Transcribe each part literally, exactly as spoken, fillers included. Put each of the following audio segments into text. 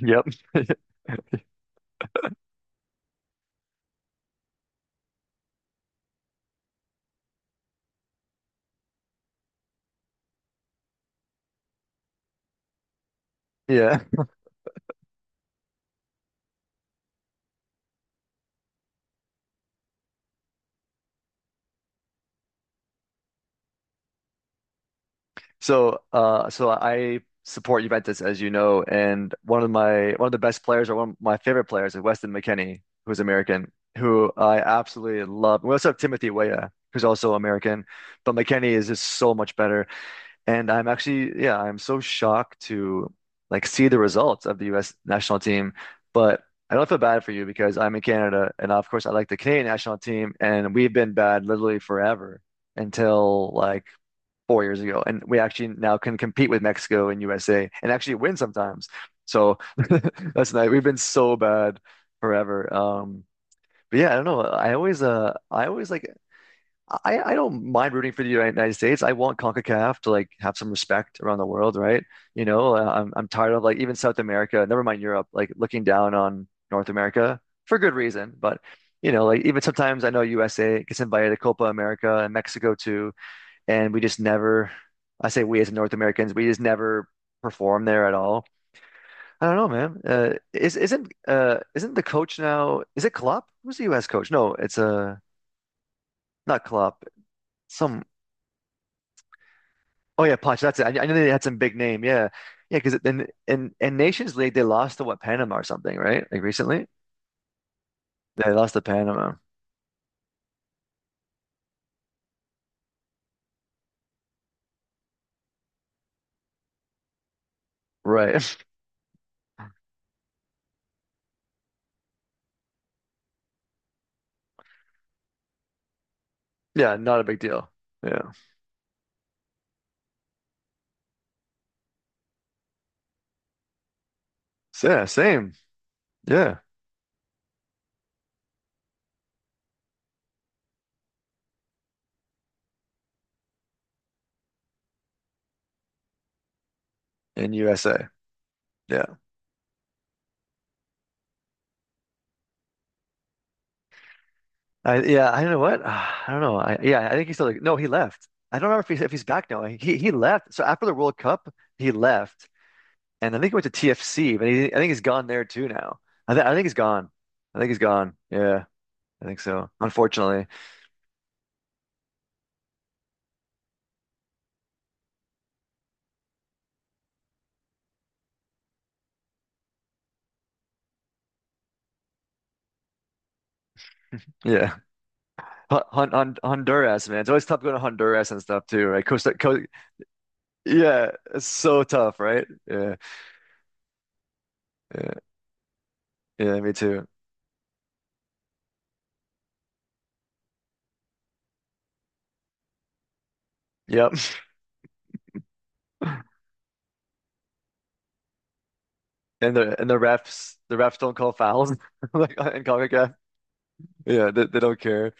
Yep. Yeah. So, uh, so I support Juventus, as you know, and one of my one of the best players, or one of my favorite players, is Weston McKennie, who's American, who I absolutely love. We also have Timothy Weah, who's also American, but McKennie is just so much better. And I'm actually, yeah, I'm so shocked to like see the results of the U S national team, but. I don't feel bad for you because I'm in Canada, and of course, I like the Canadian national team, and we've been bad literally forever until like four years ago, and we actually now can compete with Mexico and U S A and actually win sometimes. So that's nice. We've been so bad forever. Um, but yeah, I don't know. I always, uh, I always like. I I don't mind rooting for the United States. I want CONCACAF to like have some respect around the world, right? You know, uh, I'm I'm tired of like even South America, never mind Europe, like looking down on North America for good reason, but. You know, like even sometimes I know U S A gets invited to Copa America and Mexico too, and we just never. I say we as North Americans, we just never perform there at all. I don't know, man. Uh, is isn't uh isn't the coach now? Is it Klopp? Who's the U S coach? No, it's uh not Klopp. Some oh yeah, Poch. That's it. I, I knew they had some big name. Yeah, yeah. Because in in in Nations League they lost to what Panama or something, right? Like recently they lost to Panama. Right. Yeah, not a big deal. Yeah. So, yeah, same. Yeah, in U S A. Yeah. I yeah, I don't know what. I don't know. I yeah, I think he's still like no, he left. I don't remember if he's if he's back now. He he left. So after the World Cup, he left, and I think he went to T F C, but he, I think he's gone there too now. I think I think he's gone. I think he's gone. Yeah, I think so. Unfortunately, yeah. Hon Hon Hon- Honduras, man. It's always tough going to Honduras and stuff too, right? Costa, Co Yeah, it's so tough, right? Yeah, yeah, yeah. Me too. Yep. And the and the refs, the refs don't call fouls like in CONCACAF. Yeah, they, they don't care.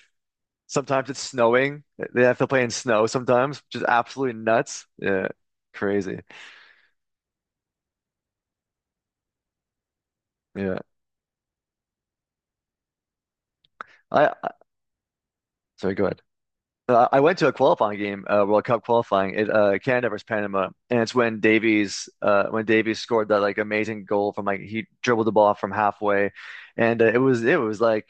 Sometimes it's snowing. They have to play in snow sometimes, which is absolutely nuts. Yeah, crazy. Yeah. I, I Sorry, go ahead. Uh, I went to a qualifying game, uh, World Cup qualifying. It uh, Canada versus Panama, and it's when Davies, uh, when Davies scored that like amazing goal from like he dribbled the ball from halfway, and uh, it was it was like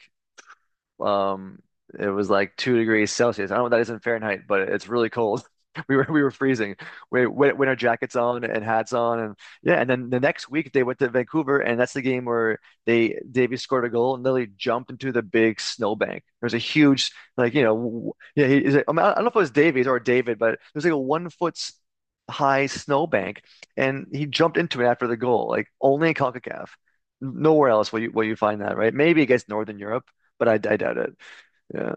Um, it was like two degrees Celsius. I don't know what that is in Fahrenheit, but it's really cold. We were we were freezing. We we we had our jackets on and hats on, and yeah. And then the next week they went to Vancouver, and that's the game where they Davies scored a goal and literally jumped into the big snowbank. There's a huge, like, you know w- yeah he, is it, I mean, I don't know if it was Davies or David, but there's like a one foot s- high snowbank, and he jumped into it after the goal. Like only in CONCACAF, nowhere else will you will you find that, right? Maybe against Northern Europe, but I, I doubt it. Yeah,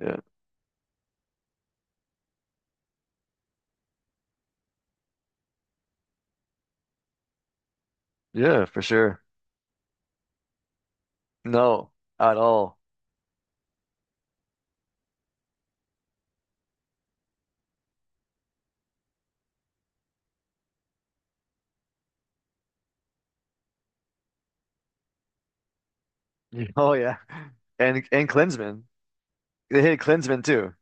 yeah, yeah, for sure. No, at all. Yeah. Oh yeah, and and Klinsmann, they hit Klinsmann too.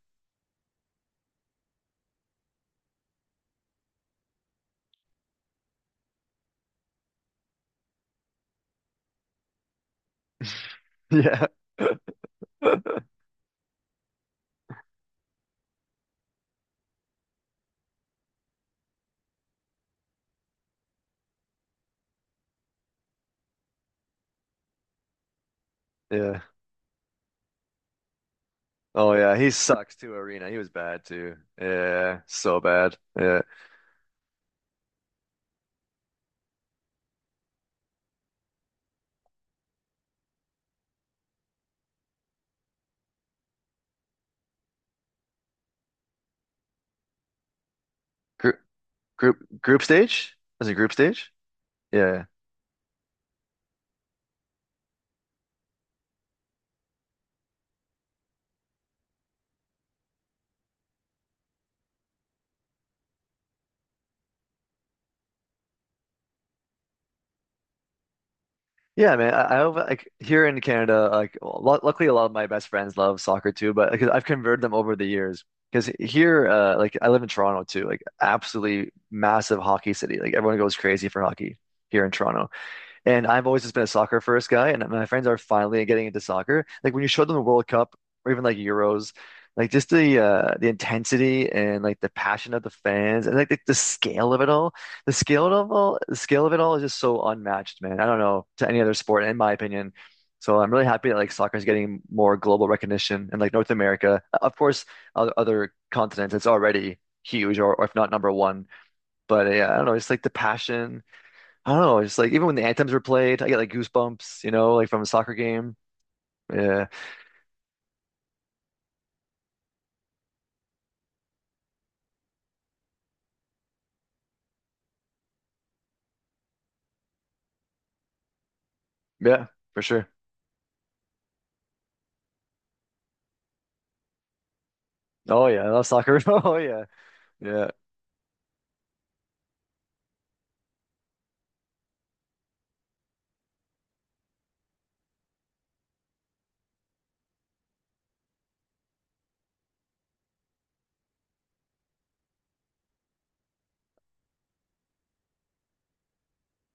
Yeah, yeah. Oh yeah, he sucks too. Arena, he was bad too. Yeah, so bad. Yeah, group group group stage? Was it group stage? Yeah. Yeah, man. I, I have, like here in Canada, like lu luckily a lot of my best friends love soccer too, but because I've converted them over the years. Because here, uh, like I live in Toronto too, like absolutely massive hockey city. Like everyone goes crazy for hockey here in Toronto. And I've always just been a soccer first guy, and my friends are finally getting into soccer. Like when you show them the World Cup or even like Euros, like just the uh the intensity and like the, passion of the fans and like the, the scale of it all. The scale of all the scale of it all is just so unmatched, man. I don't know to any other sport, in my opinion. So I'm really happy that like soccer is getting more global recognition and like North America. Of course, other, other continents, it's already huge, or, or if not number one. But yeah, I don't know, it's like the passion. I don't know. It's like even when the anthems were played, I get like goosebumps, you know, like from a soccer game. Yeah. Yeah, for sure. Oh yeah, I love soccer. Oh yeah. Yeah.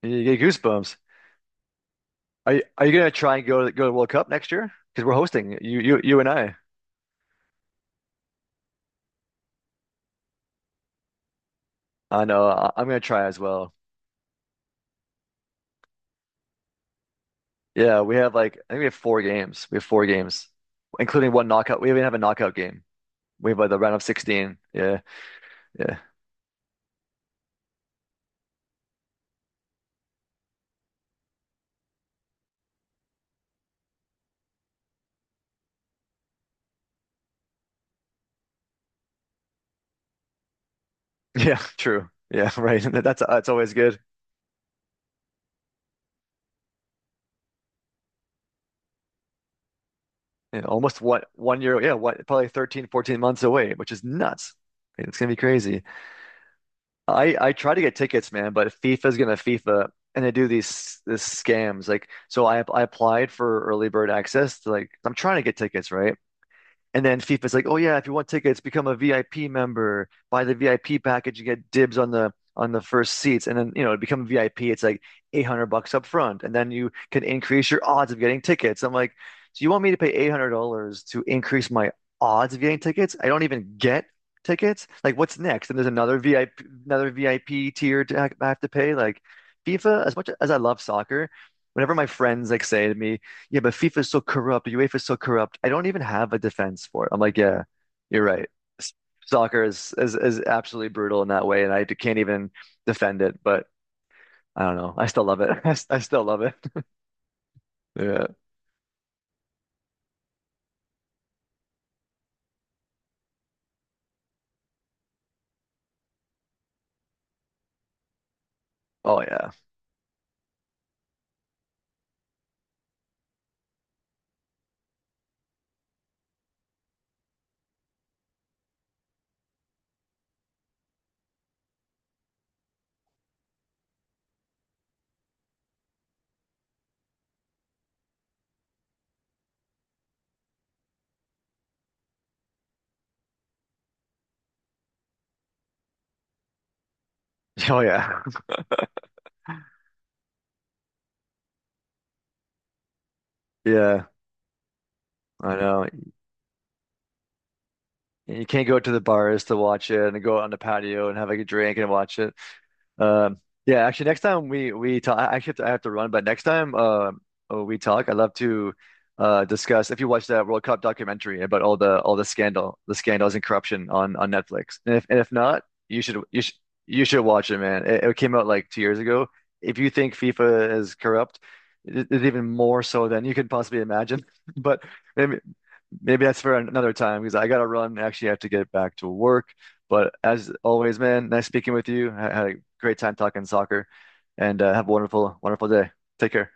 You get goosebumps. Are you, are you gonna try and go to go to World Cup next year? Because we're hosting you you you and I. I know. I, I'm gonna try as well. Yeah, we have like I think we have four games. We have four games, including one knockout. We even have a knockout game. We have like the round of sixteen. Yeah. Yeah. Yeah, true. Yeah, right. That's that's always good. you know, almost what one year, yeah, what probably thirteen, fourteen months away, which is nuts. It's gonna be crazy. I I try to get tickets, man, but FIFA's gonna FIFA, and they do these these scams. Like, so I I applied for early bird access to like I'm trying to get tickets, right? And then FIFA's like, oh yeah, if you want tickets, become a V I P member. Buy the V I P package, you get dibs on the on the first seats. And then, you know, to become a V I P, it's like eight hundred bucks up front. And then you can increase your odds of getting tickets. I'm like, so you want me to pay eight hundred dollars to increase my odds of getting tickets? I don't even get tickets. Like, what's next? And there's another V I P, another V I P tier to I have to pay. Like FIFA, as much as I love soccer, whenever my friends like say to me, yeah, but FIFA is so corrupt, UEFA is so corrupt, I don't even have a defense for it. I'm like, yeah, you're right. S- Soccer is is is absolutely brutal in that way, and I d- can't even defend it. But I don't know. I still love it. I, s- I still love it. Yeah. Oh yeah. Oh yeah. Yeah. I know. You can't go to the bars to watch it and go out on the patio and have like a drink and watch it. Um, yeah, actually, next time we we talk, I actually have to, I have to run, but next time um uh, we talk, I'd love to uh discuss if you watch that World Cup documentary about all the all the scandal, the scandals and corruption on on Netflix. And if and if not, you should you should you should watch it, man. It, it came out like two years ago. If you think FIFA is corrupt, it, it's even more so than you could possibly imagine. But maybe, maybe that's for another time because I got to run. Actually, I have to get back to work. But as always, man, nice speaking with you. I had a great time talking soccer, and uh, have a wonderful, wonderful day. Take care.